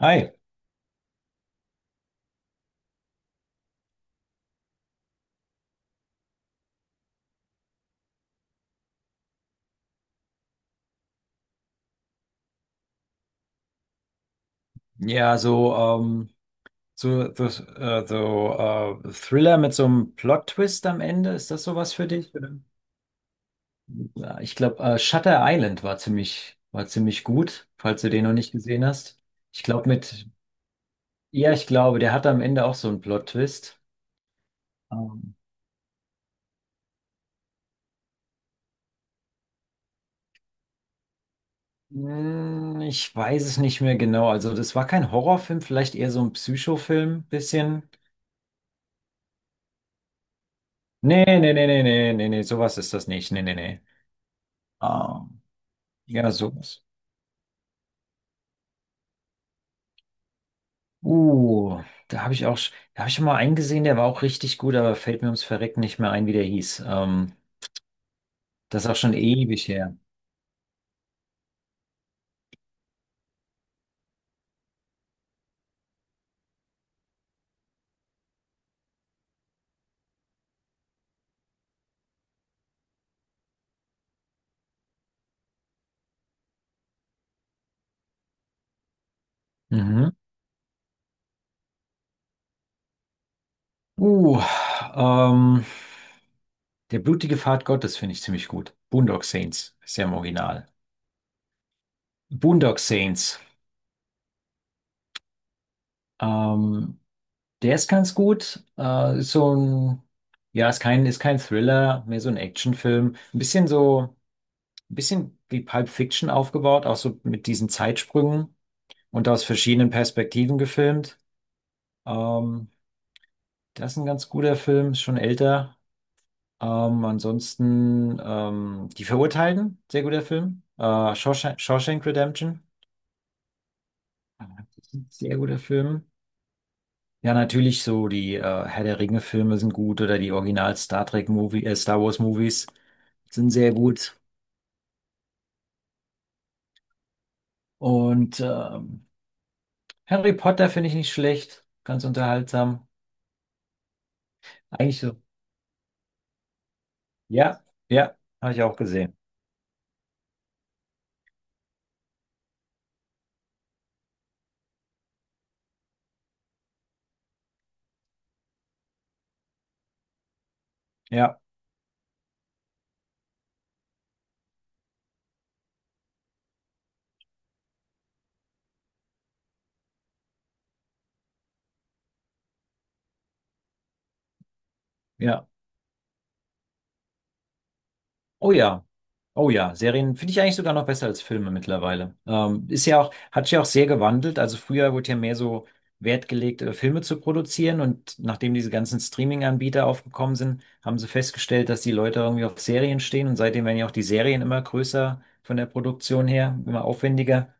Hi. Ja, so, ähm, so, so, Thriller mit so einem Plot-Twist am Ende, ist das sowas für dich? Oder? Ja, ich glaube, Shutter Island war war ziemlich gut, falls du den noch nicht gesehen hast. Ich glaube mit, ja, ich glaube, der hatte am Ende auch so einen Plot-Twist. Ähm, ich weiß es nicht mehr genau. Also das war kein Horrorfilm, vielleicht eher so ein Psychofilm, bisschen. Nee, nee, nee, nee, nee, nee, nee, sowas ist das nicht. Nee, nee, nee. Ähm, ja, sowas. Uh, da habe ich auch, da habe ich schon mal einen gesehen, der war auch richtig gut, aber fällt mir ums Verrecken nicht mehr ein, wie der hieß. Das ist auch schon ewig her. Mhm. Uh, ähm, Der blutige Pfad Gottes finde ich ziemlich gut. Boondock Saints ist ja im Original. Boondock Saints. Ähm, der ist ganz gut. Ist so ein, ja, ist kein Thriller, mehr so ein Actionfilm. Ein bisschen so, ein bisschen wie Pulp Fiction aufgebaut, auch so mit diesen Zeitsprüngen. Und aus verschiedenen Perspektiven gefilmt. Ähm, das ist ein ganz guter Film, ist schon älter. Ansonsten Die Verurteilten, sehr guter Film. Shawshank Redemption, sehr guter Film. Ja, natürlich so die Herr der Ringe-Filme sind gut oder die Original Star Trek Movie, Star Wars Movies sind sehr gut. Und Harry Potter finde ich nicht schlecht, ganz unterhaltsam. Eigentlich so. Ja, ja, habe ich auch gesehen. Ja, ja. Oh ja. Oh ja, Serien finde ich eigentlich sogar noch besser als Filme mittlerweile. Ist ja auch, hat sich ja auch sehr gewandelt. Also früher wurde ja mehr so Wert gelegt, Filme zu produzieren, und nachdem diese ganzen Streaming-Anbieter aufgekommen sind, haben sie festgestellt, dass die Leute irgendwie auf Serien stehen, und seitdem werden ja auch die Serien immer größer von der Produktion her, immer aufwendiger.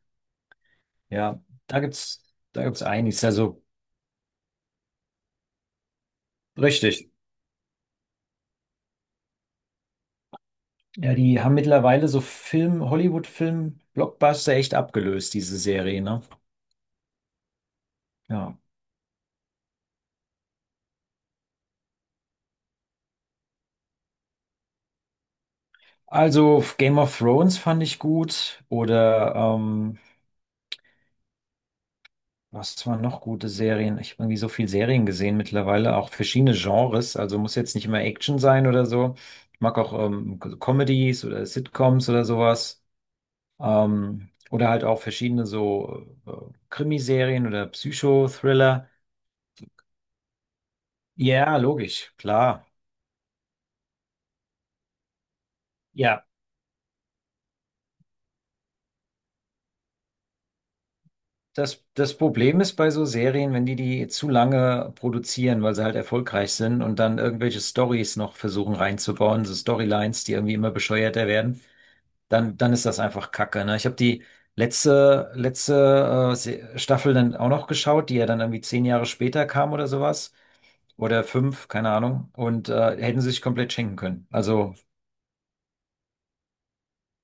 Ja, da gibt's, da gibt's einiges. Also richtig. Ja, die haben mittlerweile so Film, Hollywood-Film, Blockbuster echt abgelöst, diese Serie, ne? Ja. Also Game of Thrones fand ich gut oder was waren noch gute Serien? Ich habe irgendwie so viel Serien gesehen mittlerweile, auch verschiedene Genres. Also muss jetzt nicht immer Action sein oder so. Ich mag auch Comedies oder Sitcoms oder sowas. Oder halt auch verschiedene so Krimiserien oder Psychothriller. Ja, logisch, klar. Ja. Das, das Problem ist bei so Serien, wenn die zu lange produzieren, weil sie halt erfolgreich sind und dann irgendwelche Stories noch versuchen reinzubauen, so Storylines, die irgendwie immer bescheuerter werden, dann ist das einfach Kacke, ne? Ich habe die letzte Staffel dann auch noch geschaut, die ja dann irgendwie 10 Jahre später kam oder sowas. Oder fünf, keine Ahnung. Und hätten sie sich komplett schenken können. Also,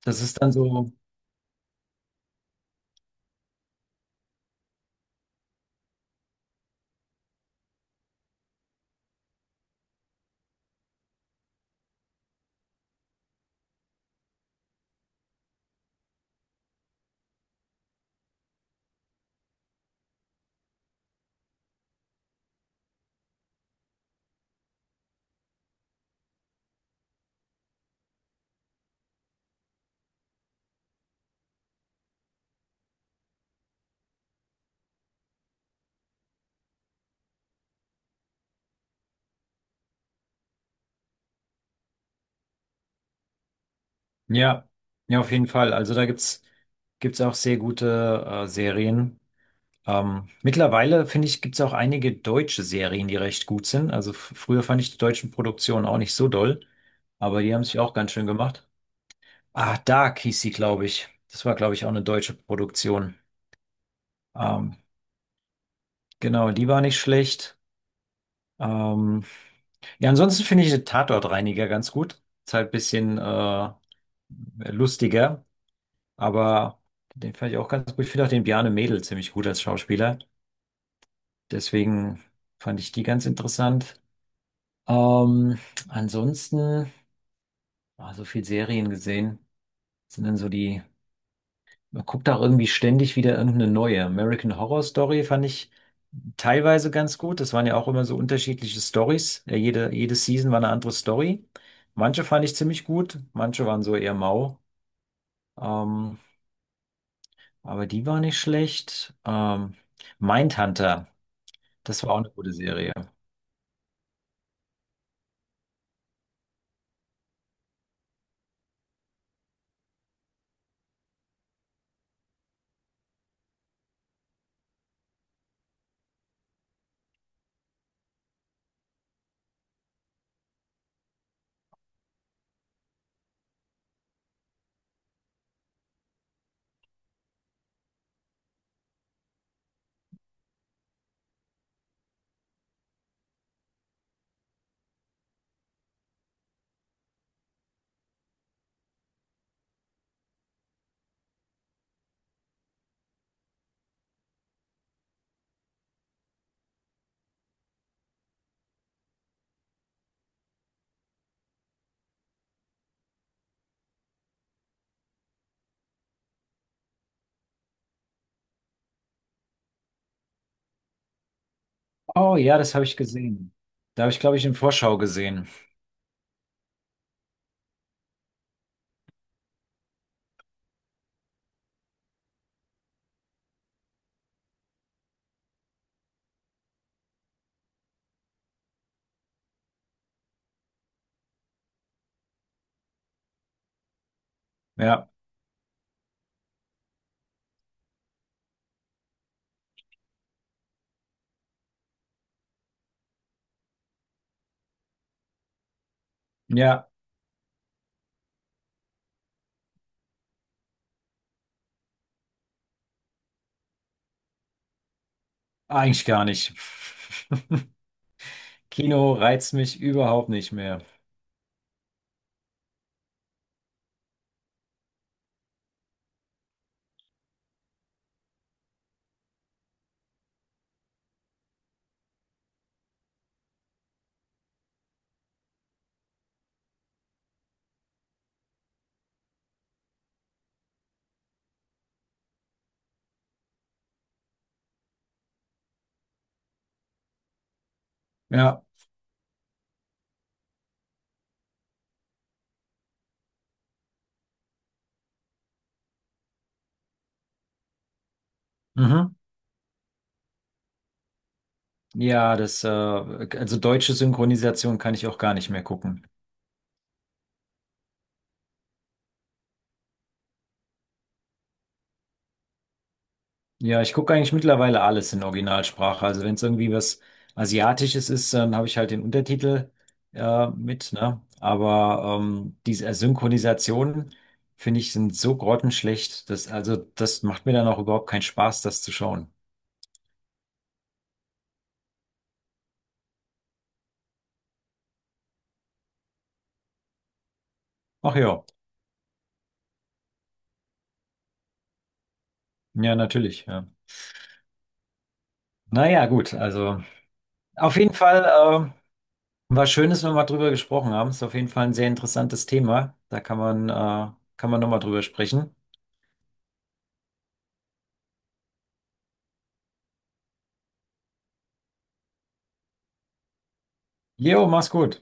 das ist dann so, ja, ja, auf jeden Fall. Also gibt's auch sehr gute Serien. Mittlerweile, finde ich, gibt es auch einige deutsche Serien, die recht gut sind. Also früher fand ich die deutschen Produktionen auch nicht so doll, aber die haben sich auch ganz schön gemacht. Ah, Dark hieß sie, glaube ich. Das war, glaube ich, auch eine deutsche Produktion. Ähm, genau, die war nicht schlecht. Ähm, ja, ansonsten finde ich den Tatortreiniger ganz gut. Ist halt ein bisschen lustiger, aber den fand ich auch ganz gut. Ich finde auch den Bjarne Mädel ziemlich gut als Schauspieler. Deswegen fand ich die ganz interessant. Ähm, ansonsten, so viel Serien gesehen, sind dann so die, man guckt auch irgendwie ständig wieder irgendeine neue. American Horror Story fand ich teilweise ganz gut. Das waren ja auch immer so unterschiedliche Stories. Ja, jede Season war eine andere Story. Manche fand ich ziemlich gut, manche waren so eher mau. Ähm, aber die war nicht schlecht. Mindhunter, das war auch eine gute Serie. Oh ja, das habe ich gesehen. Da habe ich, glaube ich, in Vorschau gesehen. Ja, ja. Eigentlich gar nicht. Kino reizt mich überhaupt nicht mehr. Ja, mhm. Ja, also deutsche Synchronisation kann ich auch gar nicht mehr gucken. Ja, ich gucke eigentlich mittlerweile alles in Originalsprache. Also wenn es irgendwie was Asiatisches ist, dann habe ich halt den Untertitel mit, ne? Aber diese Synchronisationen, finde ich, sind so grottenschlecht, dass, also das macht mir dann auch überhaupt keinen Spaß, das zu schauen. Ach ja, ja, natürlich, ja. Naja, gut, also. Auf jeden Fall war schön, dass wir mal drüber gesprochen haben. Ist auf jeden Fall ein sehr interessantes Thema. Da kann man nochmal drüber sprechen. Jo, mach's gut.